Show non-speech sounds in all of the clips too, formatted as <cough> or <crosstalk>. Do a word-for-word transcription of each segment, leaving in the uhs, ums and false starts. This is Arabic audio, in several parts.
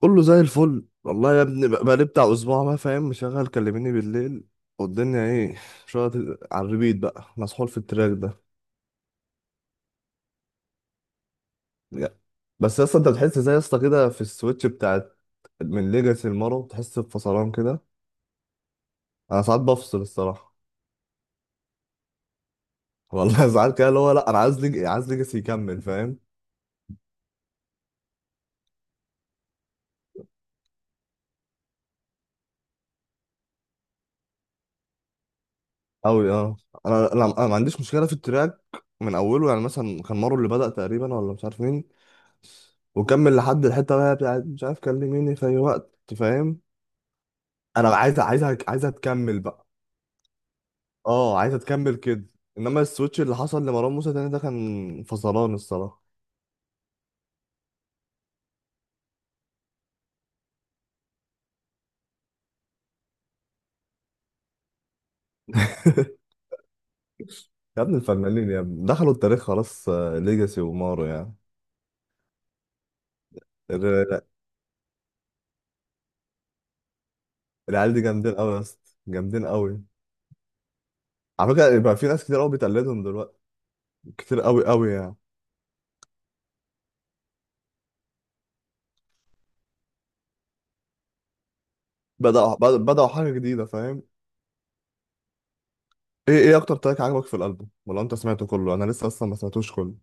كله زي الفل والله يا ابني، بقى بقالي بتاع اسبوع بقى فاهم، مشغل كلميني بالليل. والدنيا ايه؟ شغل على الريبيت بقى، مسحول في التراك ده. يا. بس يا اسطى، انت بتحس زي يا اسطى كده في السويتش بتاعت من ليجاسي لمارو، بتحس بفصلان كده؟ انا ساعات بفصل الصراحه. والله <laughs> ساعات كده اللي هو لا، انا عايز ليج... عايز ليجاسي يكمل فاهم. قوي اه. انا انا أنا ما عنديش مشكله في التراك من اوله. يعني مثلا كان مارو اللي بدأ تقريبا، ولا مش عارف مين، وكمل لحد الحته بقى بتاعت مش عارف. كلميني في اي وقت فاهم. انا عايز عايزك عايزها تكمل بقى. اه عايزها تكمل كده. انما السويتش اللي حصل لمروان موسى تاني ده كان فصلان الصراحه. <laughs> يا ابن الفنانين، يا ابن دخلوا التاريخ خلاص. آه، ليجاسي ومارو يعني. ال- ال- العيال دي جامدين قوي يا اسطى، جامدين قوي. على فكره بقى في ناس كتير قوي بتقلدهم دلوقتي، كتير قوي قوي يعني. بدأوا بدأ- بدأوا حاجه جديده فاهم. ايه ايه اكتر تراك عجبك في الالبوم؟ ولا انت سمعته كله؟ انا لسه اصلا ما سمعتوش كله.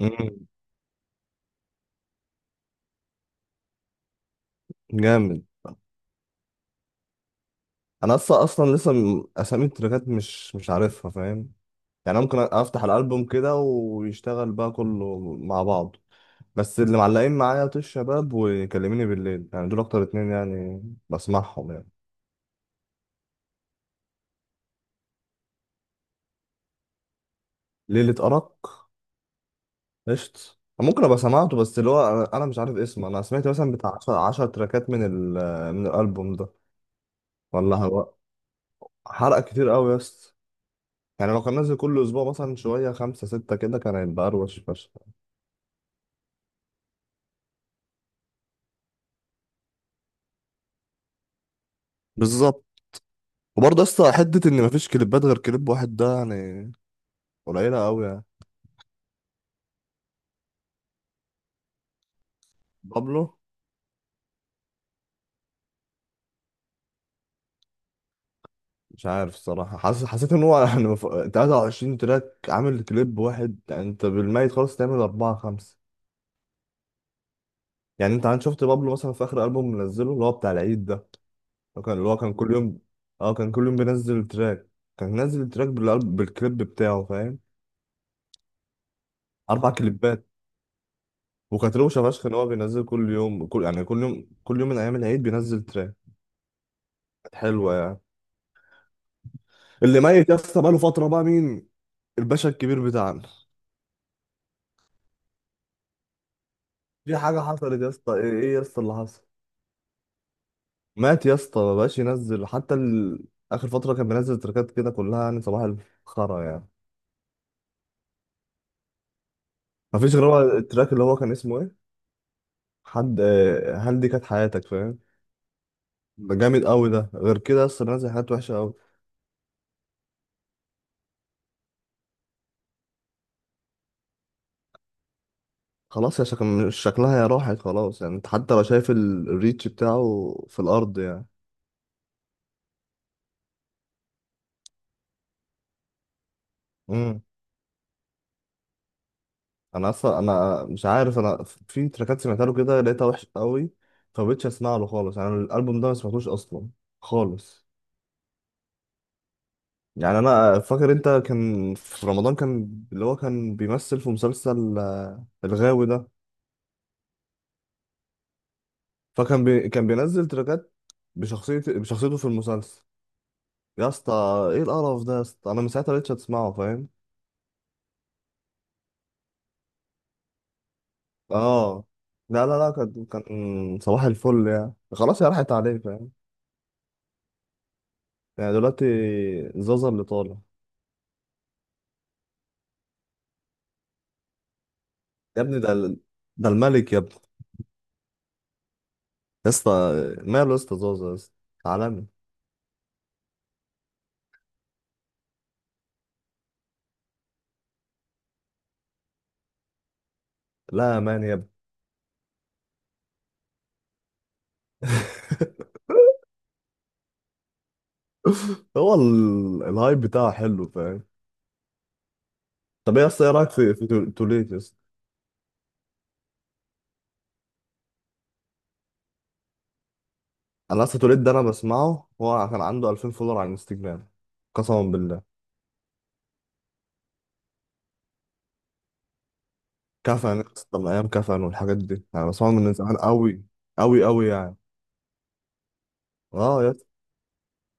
مم. جامد. انا اصلا اصلا لسه م- اسامي التراكات مش مش عارفها فاهم. يعني أنا ممكن افتح الالبوم كده ويشتغل بقى كله مع بعض. بس اللي معلقين معايا طيش شباب وكلميني بالليل، يعني دول اكتر اتنين يعني، بسمعهم يعني. ليلة أرق قشط، ممكن ابقى سمعته. بس اللي هو انا أنا مش عارف اسمه. انا سمعت مثلا بتاع عشرة عشر تراكات من ال من الالبوم ده. والله هو حرق كتير قوي يا اسطى. يعني لو كان نازل كل اسبوع مثلا شويه خمسة ستة كده، كان هيبقى اروش فشخ. بالظبط. وبرضه يا اسطى، حته ان مفيش كليبات غير كليب واحد ده يعني، قليله قوي يعني. بابلو مش عارف الصراحة. حاسس حسيت ان هو <laughs> يعني، ف- تلاتة وعشرين تراك عامل كليب واحد؟ يعني انت بالميت خالص تعمل أربعة خمسة. يعني انت عن شفت بابلو مثلا في آخر ألبوم منزله اللي هو بتاع العيد ده؟ اللي هو كان اللي هو كان كل يوم، اه كان كل يوم بينزل تراك، كان نازل تراك بالألب... بالكليب بتاعه فاهم. أربع كليبات. وكانت روشة فشخ ان هو بينزل كل يوم، كل يعني كل يوم كل يوم من أيام العيد بينزل تراك. كانت حلوة يعني. اللي ميت يا اسطى بقاله فترة بقى، مين؟ الباشا الكبير بتاعنا. في حاجة حصلت يا اسطى؟ ايه إيه يا اسطى اللي حصل؟ مات يا اسطى، ما بقاش ينزل حتى ال... اخر فتره كان بينزل تراكات كده كلها يعني صباح الخرا يعني. ما فيش غير هو التراك اللي هو كان اسمه ايه، حد. آه، هل دي كانت حياتك فاهم. ده جامد قوي، ده غير كده يا اسطى بينزل حاجات وحشه قوي. خلاص، يا شكل شكلها يا راحت خلاص يعني. انت حتى لو شايف ال- الريتش بتاعه في الارض يعني. امم. انا اصلا انا مش عارف. انا في تراكات سمعتها له كده لقيتها وحشه قوي، فبقيتش اسمع له خالص، يعني الالبوم ده ما سمعتوش اصلا خالص. يعني انا فاكر انت كان في رمضان، كان اللي هو كان بيمثل في مسلسل آه، الغاوي ده. فكان بي... كان بينزل تراكات بشخصية بشخصيته في المسلسل يا اسطى. ايه القرف ده يا اسطى؟ انا من ساعتها مبقتش اسمعه فاهم. اه. لا لا لا كان كان صباح الفل يعني، خلاص يا راحت عليه فاهم. يعني دلوقتي زازا اللي طالع. يا ابني ده ال- ده الملك يا ابني. يا اسطى، ماله يا اسطى زازا يا اسطى؟ عالمي. لا يا مان يا ابني. هو ال- الهايب بتاعه حلو فاهم. طب ايه اصلا، ايه رايك في في تول- توليت يا اسطى؟ انا اصلا توليت ده انا بسمعه. هو كان عنده ألفين فولور على الانستجرام قسما بالله. كفن يا اسطى، من ايام كفن والحاجات دي انا بسمعه من زمان قوي، قوي قوي يعني. اه يا اسطى.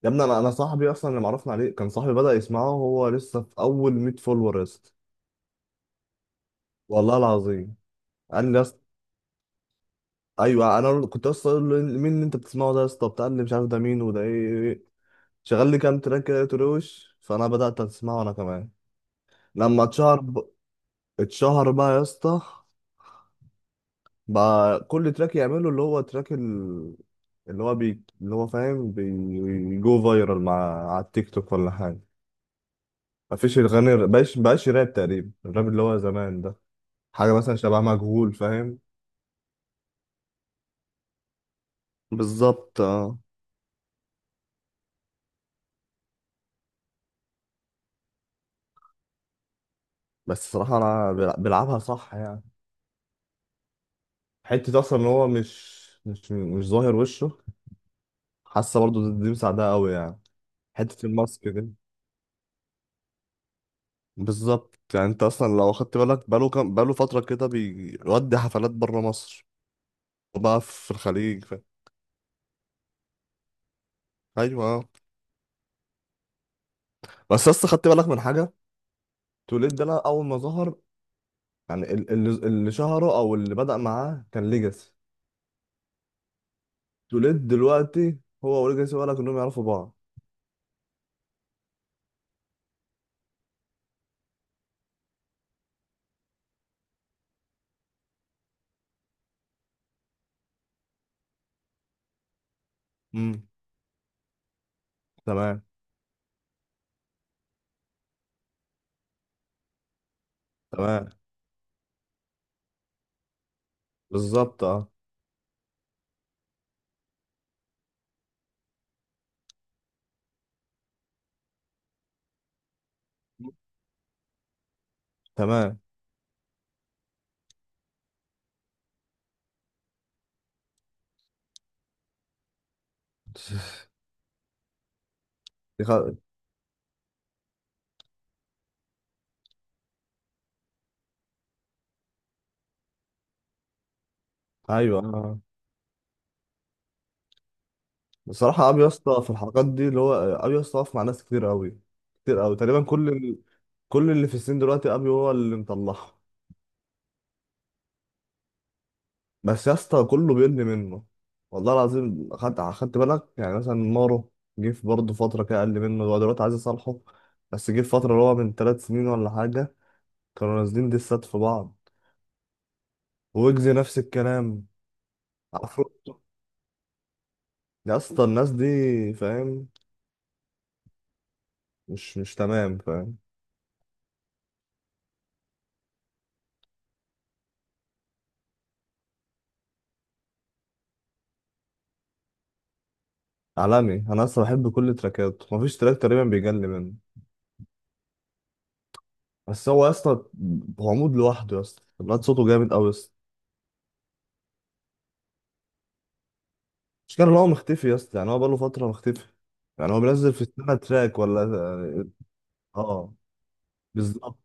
يا ابني انا انا صاحبي اصلا اللي معرفنا عليه، كان صاحبي بدا يسمعه وهو لسه في اول مية فولور يا اسطى. والله العظيم. قال لي يا اسطى. ايوه، انا كنت اصلا اقول له: مين اللي انت بتسمعه ده يا اسطى؟ بتاع اللي مش عارف ده مين، وده ايه؟ إيه إيه. شغل لي كام تراك كده تروش، فانا بدات اسمعه انا كمان لما اتشهر. اتشهر بقى يا اسطى، بقى كل تراك يعمله اللي هو تراك ال... اللي هو بي... اللي هو فاهم، بيجو فايرال مع على التيك توك ولا حاجة. مفيش الغني بقاش بقاش راب تقريبا، الراب اللي هو زمان ده، حاجة مثلا شبه مجهول فاهم. بالظبط اه. بس الصراحة أنا بيلع- بيلعبها صح يعني. حتة أصلا إن هو مش مش مش ظاهر وشه، حاسة برضه دي مساعدة أوي يعني، حتة الماسك دي بالظبط. يعني انت اصلا لو خدت بالك بقاله كام، بقاله فتره كده بيودي حفلات بره مصر، وبقى في الخليج ف... ايوه اه. بس اصلا خدت بالك من حاجه؟ توليد ده، لا، اول ما ظهر. يعني ال- اللي اللي شهره او اللي بدأ معاه كان ليجاسي. توليد دلوقتي هو وليجاسي، ولا كانوا يعرفوا بعض؟ امم. تمام. تمام، بالظبط اه. تمام. <laughs> دي خ- ايوه آه. بصراحة أبي يسطا في الحلقات دي، اللي هو أبي يسطا واقف مع ناس كتير أوي، كتير أوي، تقريبا كل ال... كل اللي في السن دلوقتي أبي هو اللي مطلعها. بس يسطا كله بيرمي منه. والله العظيم أخدت أخدت بالك، يعني مثلا مارو، جه في برضه فترة كده أقل منه، هو دلوقتي عايز يصالحه. بس جه في فترة اللي هو من تلات سنين ولا حاجة، كانوا نازلين ديسات في بعض، ويجز نفس الكلام، عفرو. يا اسطى الناس دي فاهم، مش مش تمام فاهم. عالمي. أنا أصلا بحب كل تراكاته، مفيش تراك تقريبا بيجلي منه. بس هو يا اسطى عمود لوحده يا اسطى، الواد صوته جامد قوي يا اسطى. مش كان هو مختفي يا اسطى؟ يعني هو بقاله فتره مختفي، يعني هو بينزل في السنه تراك ولا؟ اه آه، بالظبط.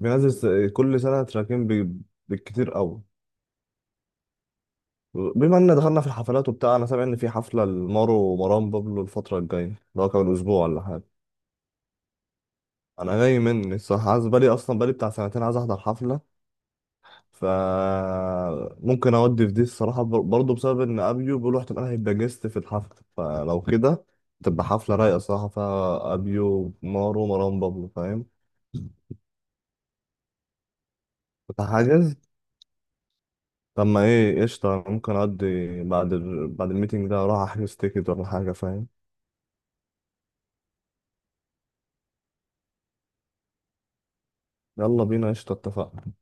بينزل س- كل سنه تراكين بي- بالكتير قوي. بما ان دخلنا في الحفلات وبتاع، انا سامع ان في حفله لمارو ومروان بابلو الفتره الجايه، اللي هو كمان اسبوع ولا حاجه. انا جاي مني الصراحه، عايز بالي اصلا، بالي بتاع سنتين عايز احضر حفله. فممكن اودي في دي الصراحه بر- برضه، بسبب ان ابيو بيقولوا احتمال هيبقى جيست في الحفله. فلو كده تبقى حفله رايقه صراحه، فيها ابيو مارو مروان بابلو فاهم. كنت هحجز. طب ما ايه قشطه، أنا ممكن اودي بعد ال... بعد الميتنج ده اروح احجز تيكت ولا حاجه فاهم. يلا بينا قشطه اتفقنا.